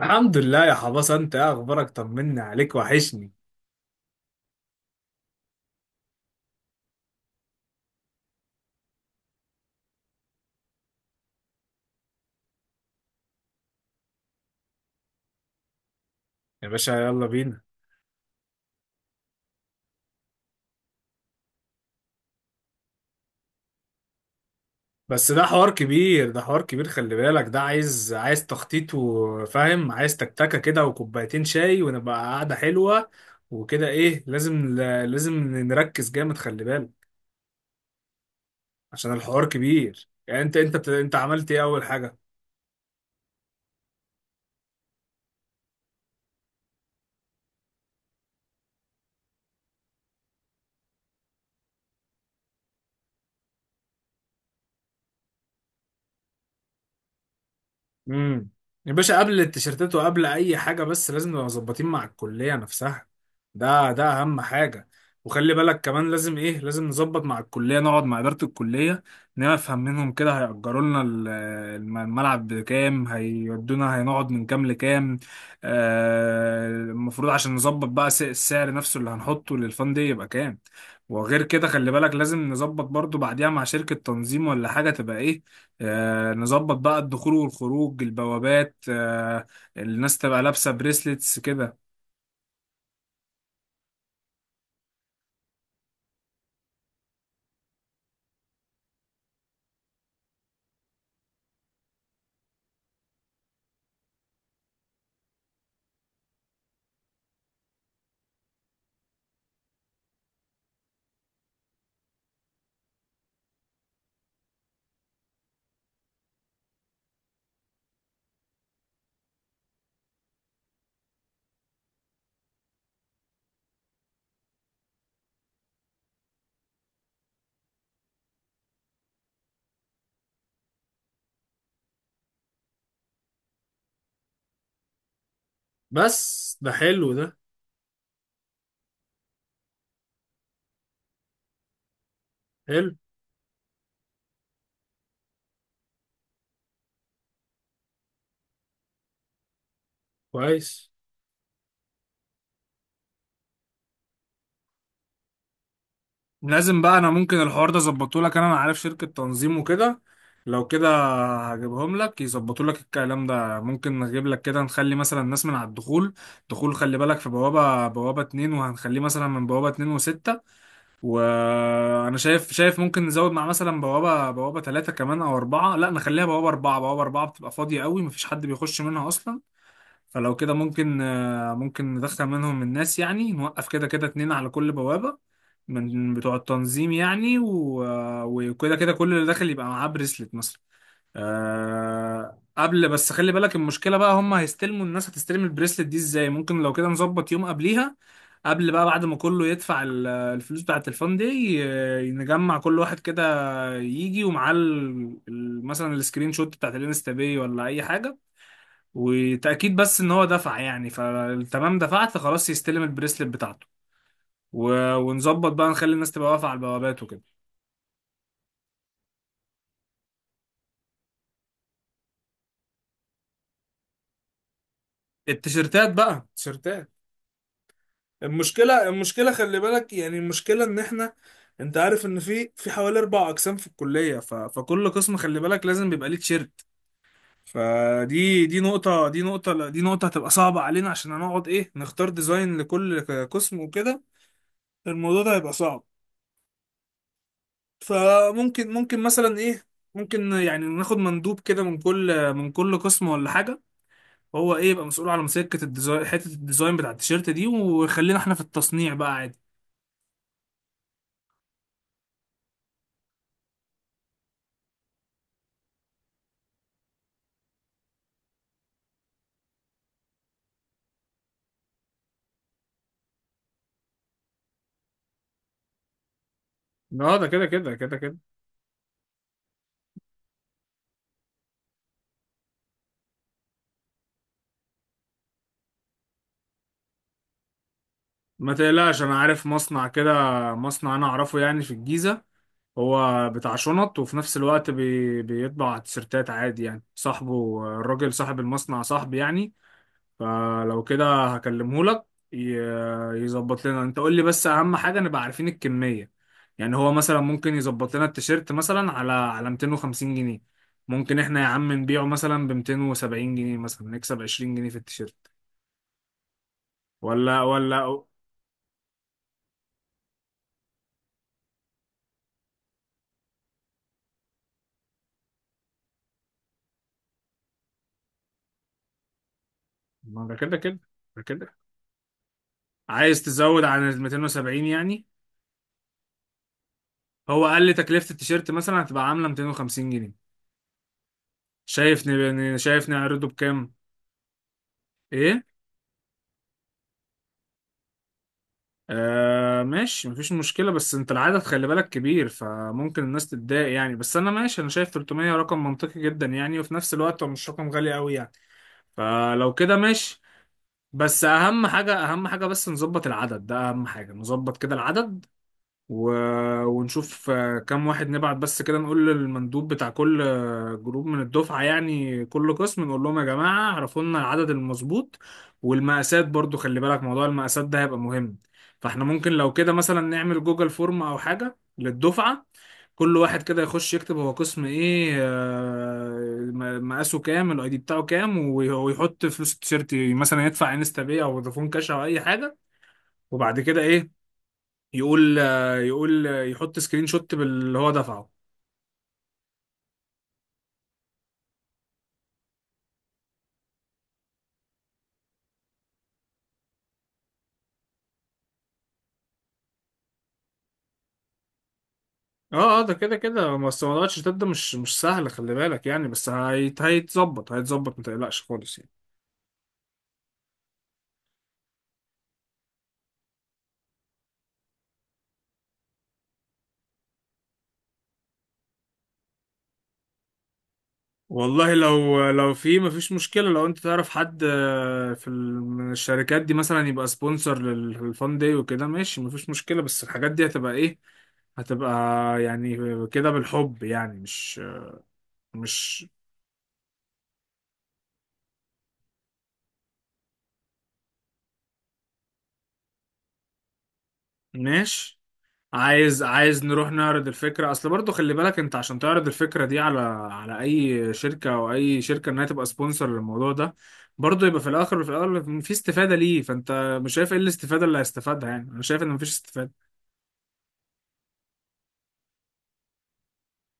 الحمد لله يا حباس، انت ايه اخبارك؟ طمنا عليك، وحشني. يا باشا يلا بينا. بس ده حوار كبير، خلي بالك، ده عايز تخطيط، وفاهم عايز تكتكة كده وكوبايتين شاي، ونبقى قعدة حلوة. وكده ايه، لازم، لازم نركز جامد، خلي بالك. عشان الحوار كبير، يعني انت عملت ايه اول حاجة؟ امم يا باشا، قبل التيشيرتات وقبل اي حاجه، بس لازم نبقى مظبطين مع الكليه نفسها. ده اهم حاجه. وخلي بالك كمان، لازم ايه، لازم نظبط مع الكليه، نقعد مع اداره الكليه، نفهم منهم كده، هيأجروا لنا الملعب بكام، هيودونا، هنقعد من كام لكام. آه، المفروض عشان نظبط بقى السعر نفسه اللي هنحطه للفان دي يبقى كام. وغير كده خلي بالك لازم نظبط برضو بعديها مع شركه تنظيم ولا حاجه تبقى ايه. نظبط بقى الدخول والخروج، البوابات، الناس تبقى لابسة بريسلتس كده. بس ده حلو، ده حلو. كويس. لازم بقى. انا ممكن الحوار ده اظبطه لك، أنا عارف شركة تنظيم وكده. لو كده هجيبهم لك يظبطوا لك الكلام ده. ممكن نجيب لك كده، نخلي مثلا الناس من على الدخول. دخول خلي بالك، في بوابة اتنين، وهنخليه مثلا من بوابة اتنين وستة. وانا شايف ممكن نزود مع مثلا بوابه ثلاثه كمان او اربعه. لا، نخليها بوابه اربعه. بوابه اربعه بتبقى فاضيه قوي، مفيش حد بيخش منها اصلا. فلو كده ممكن، ممكن ندخل منهم الناس، يعني نوقف كده كده اتنين على كل بوابه من بتوع التنظيم يعني. وكده كده كل اللي داخل يبقى معاه بريسلت مثلا. آه، قبل بس خلي بالك، المشكلة بقى، هم هيستلموا، الناس هتستلم البريسلت دي ازاي؟ ممكن لو كده نظبط يوم قبليها. قبل بقى، بعد ما كله يدفع الفلوس بتاعة الفان دي، نجمع كل واحد كده يجي ومعاه مثلا السكرين شوت بتاعة الانستا باي ولا أي حاجة، وتأكيد بس إن هو دفع يعني. فتمام، دفعت، فخلاص يستلم البريسلت بتاعته. ونظبط بقى نخلي الناس تبقى واقفة على البوابات وكده. التيشيرتات بقى، التيشيرتات. المشكلة خلي بالك يعني، المشكلة ان احنا، انت عارف ان في حوالي اربع اقسام في الكلية. فكل قسم خلي بالك لازم بيبقى ليه تيشيرت. فدي دي نقطة دي نقطة لا، دي نقطة هتبقى صعبة علينا، عشان هنقعد ايه، نختار ديزاين لكل قسم وكده. الموضوع ده هيبقى صعب. فممكن مثلا ايه، ممكن يعني ناخد مندوب كده من كل، من كل قسم ولا حاجة، هو ايه يبقى مسؤول على مسكة الديزاين، حتة الديزاين بتاع التيشيرت دي، وخلينا احنا في التصنيع بقى عادي. اه ده كده. ما تقلقش، انا عارف مصنع كده، مصنع انا اعرفه يعني في الجيزة. هو بتاع شنط وفي نفس الوقت بيطبع تيشيرتات عادي يعني صاحبه. الراجل صاحب المصنع صاحبي يعني. فلو كده هكلمه لك ي... يظبط لنا. انت قول لي بس اهم حاجة نبقى عارفين الكمية. يعني هو مثلا ممكن يظبط لنا التيشيرت مثلا على على 250 جنيه، ممكن احنا يا عم نبيعه مثلا ب 270 جنيه مثلا، نكسب 20 جنيه في التيشيرت. ولا، ما ده كده كده، ده كده. عايز تزود عن ال 270 يعني؟ هو قال لي تكلفة التيشيرت مثلا هتبقى عاملة 250 جنيه. شايف شايف نعرضه بكام؟ ايه. آه ماشي، مفيش مشكلة، بس انت العدد خلي بالك كبير، فممكن الناس تتضايق يعني. بس انا ماشي، انا شايف 300 رقم منطقي جدا يعني، وفي نفس الوقت هو مش رقم غالي قوي يعني. فلو كده ماشي. بس اهم حاجة، اهم حاجة بس نظبط العدد ده، اهم حاجة نظبط كده العدد. و... ونشوف كام واحد نبعت. بس كده نقول للمندوب بتاع كل، جروب من الدفعة يعني، كل قسم نقول لهم يا جماعة اعرفوا لنا العدد المظبوط. والمقاسات برضو خلي بالك، موضوع المقاسات ده هيبقى مهم. فاحنا ممكن لو كده مثلا نعمل جوجل فورم او حاجة للدفعة، كل واحد كده يخش يكتب هو قسم ايه، مقاسه كام، الاي دي بتاعه كام، ويحط فلوس التيشيرت مثلا، يدفع انستا باي او فودافون كاش او اي حاجة. وبعد كده ايه، يقول، يحط سكرين شوت باللي هو دفعه. اه ده كده كده. بس موضوع الشتات ده مش، مش سهل خلي بالك يعني، بس هيتظبط، هيتظبط، ما تقلقش خالص يعني. والله لو في، مفيش مشكلة لو انت تعرف حد، في من الشركات دي مثلا يبقى سبونسر للفان داي وكده، ماشي مفيش مشكلة، بس الحاجات دي هتبقى ايه، هتبقى يعني كده بالحب يعني، مش ماشي. عايز، عايز نروح نعرض الفكرة، اصل برضو خلي بالك انت عشان تعرض الفكرة دي على، على اي شركة او اي شركة انها تبقى سبونسر للموضوع ده، برضو يبقى في الاخر، وفي الاول، في استفادة ليه. فانت مش شايف ايه الاستفادة اللي هيستفادها يعني؟ انا شايف ان مفيش استفادة.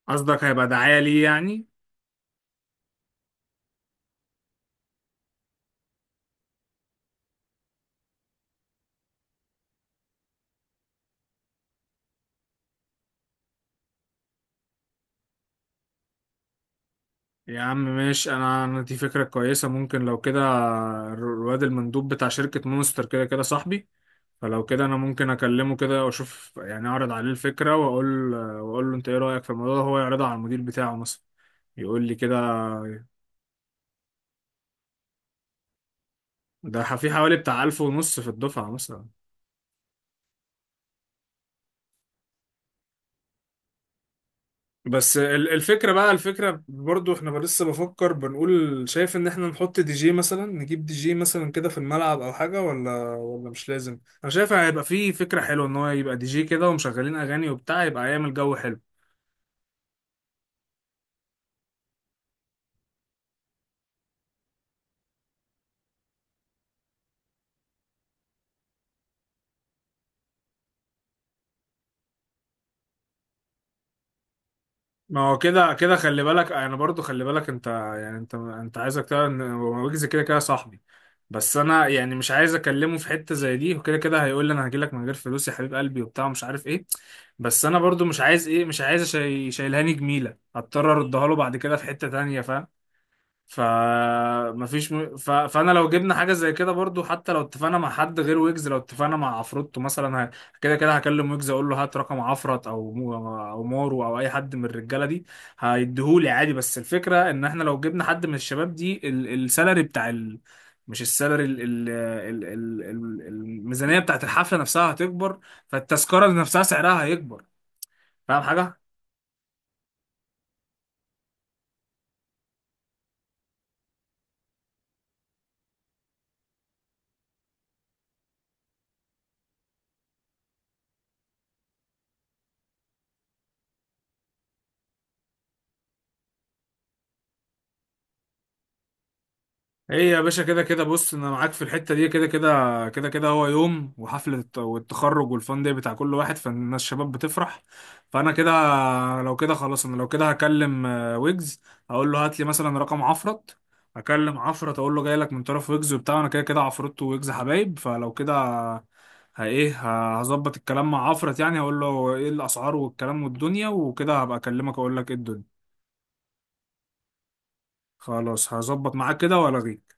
قصدك هيبقى دعاية ليه يعني. يا عم ماشي، انا، دي فكرة كويسة. ممكن لو كده، الواد المندوب بتاع شركة مونستر كده كده صاحبي. فلو كده انا ممكن اكلمه كده واشوف يعني، اعرض عليه الفكرة واقول له انت ايه رأيك في الموضوع ده، هو يعرضها على المدير بتاعه مثلا، يقول لي كده. ده في حوالي بتاع 1500 في الدفعة مثلا. بس الفكرة بقى، الفكرة برضو، احنا بقى لسه بفكر بنقول، شايف ان احنا نحط دي جي مثلا، نجيب دي جي مثلا كده في الملعب او حاجة، ولا مش لازم. انا شايف هيبقى في فكرة حلوة ان هو يبقى دي جي كده، ومشغلين اغاني وبتاع، يبقى يعمل جو حلو. ما هو كده كده خلي بالك، انا برضو خلي بالك انت يعني، انت عايزك تعرف ان ويجز كده كده صاحبي. بس انا يعني مش عايز اكلمه في حته زي دي، وكده كده هيقول لي انا هجيلك من غير فلوس يا حبيب قلبي وبتاع مش عارف ايه. بس انا برضو مش عايز ايه، مش عايز شاي شايلهاني جميله، هضطر اردها له بعد كده في حته تانية، فاهم؟ فانا لو جبنا حاجه زي كده برضو، حتى لو اتفقنا مع حد غير ويجز، لو اتفقنا مع عفروتو مثلا، كده كده هكلم ويجز اقول له هات رقم عفرت، او مارو، او اي حد من الرجاله دي هيديهولي عادي. بس الفكره ان احنا لو جبنا حد من الشباب دي السالري بتاع مش السالري، الميزانيه بتاعت الحفله نفسها هتكبر، فالتذكره نفسها سعرها هيكبر. فاهم حاجه؟ ايه يا باشا كده كده. بص انا معاك في الحته دي، كده كده كده كده هو يوم، وحفله والتخرج والفان دي بتاع كل واحد، فالناس الشباب بتفرح. فانا كده، لو كده خلاص، انا لو كده هكلم ويجز، اقول له هات لي مثلا رقم عفرت، هكلم عفرت اقول له جاي لك من طرف ويجز وبتاع، انا كده كده عفرت ويجز حبايب. فلو كده هظبط الكلام مع عفرت، يعني هقول له ايه الاسعار والكلام والدنيا وكده، هبقى اكلمك اقول لك ايه الدنيا. خلاص هظبط معاك كده والغيك.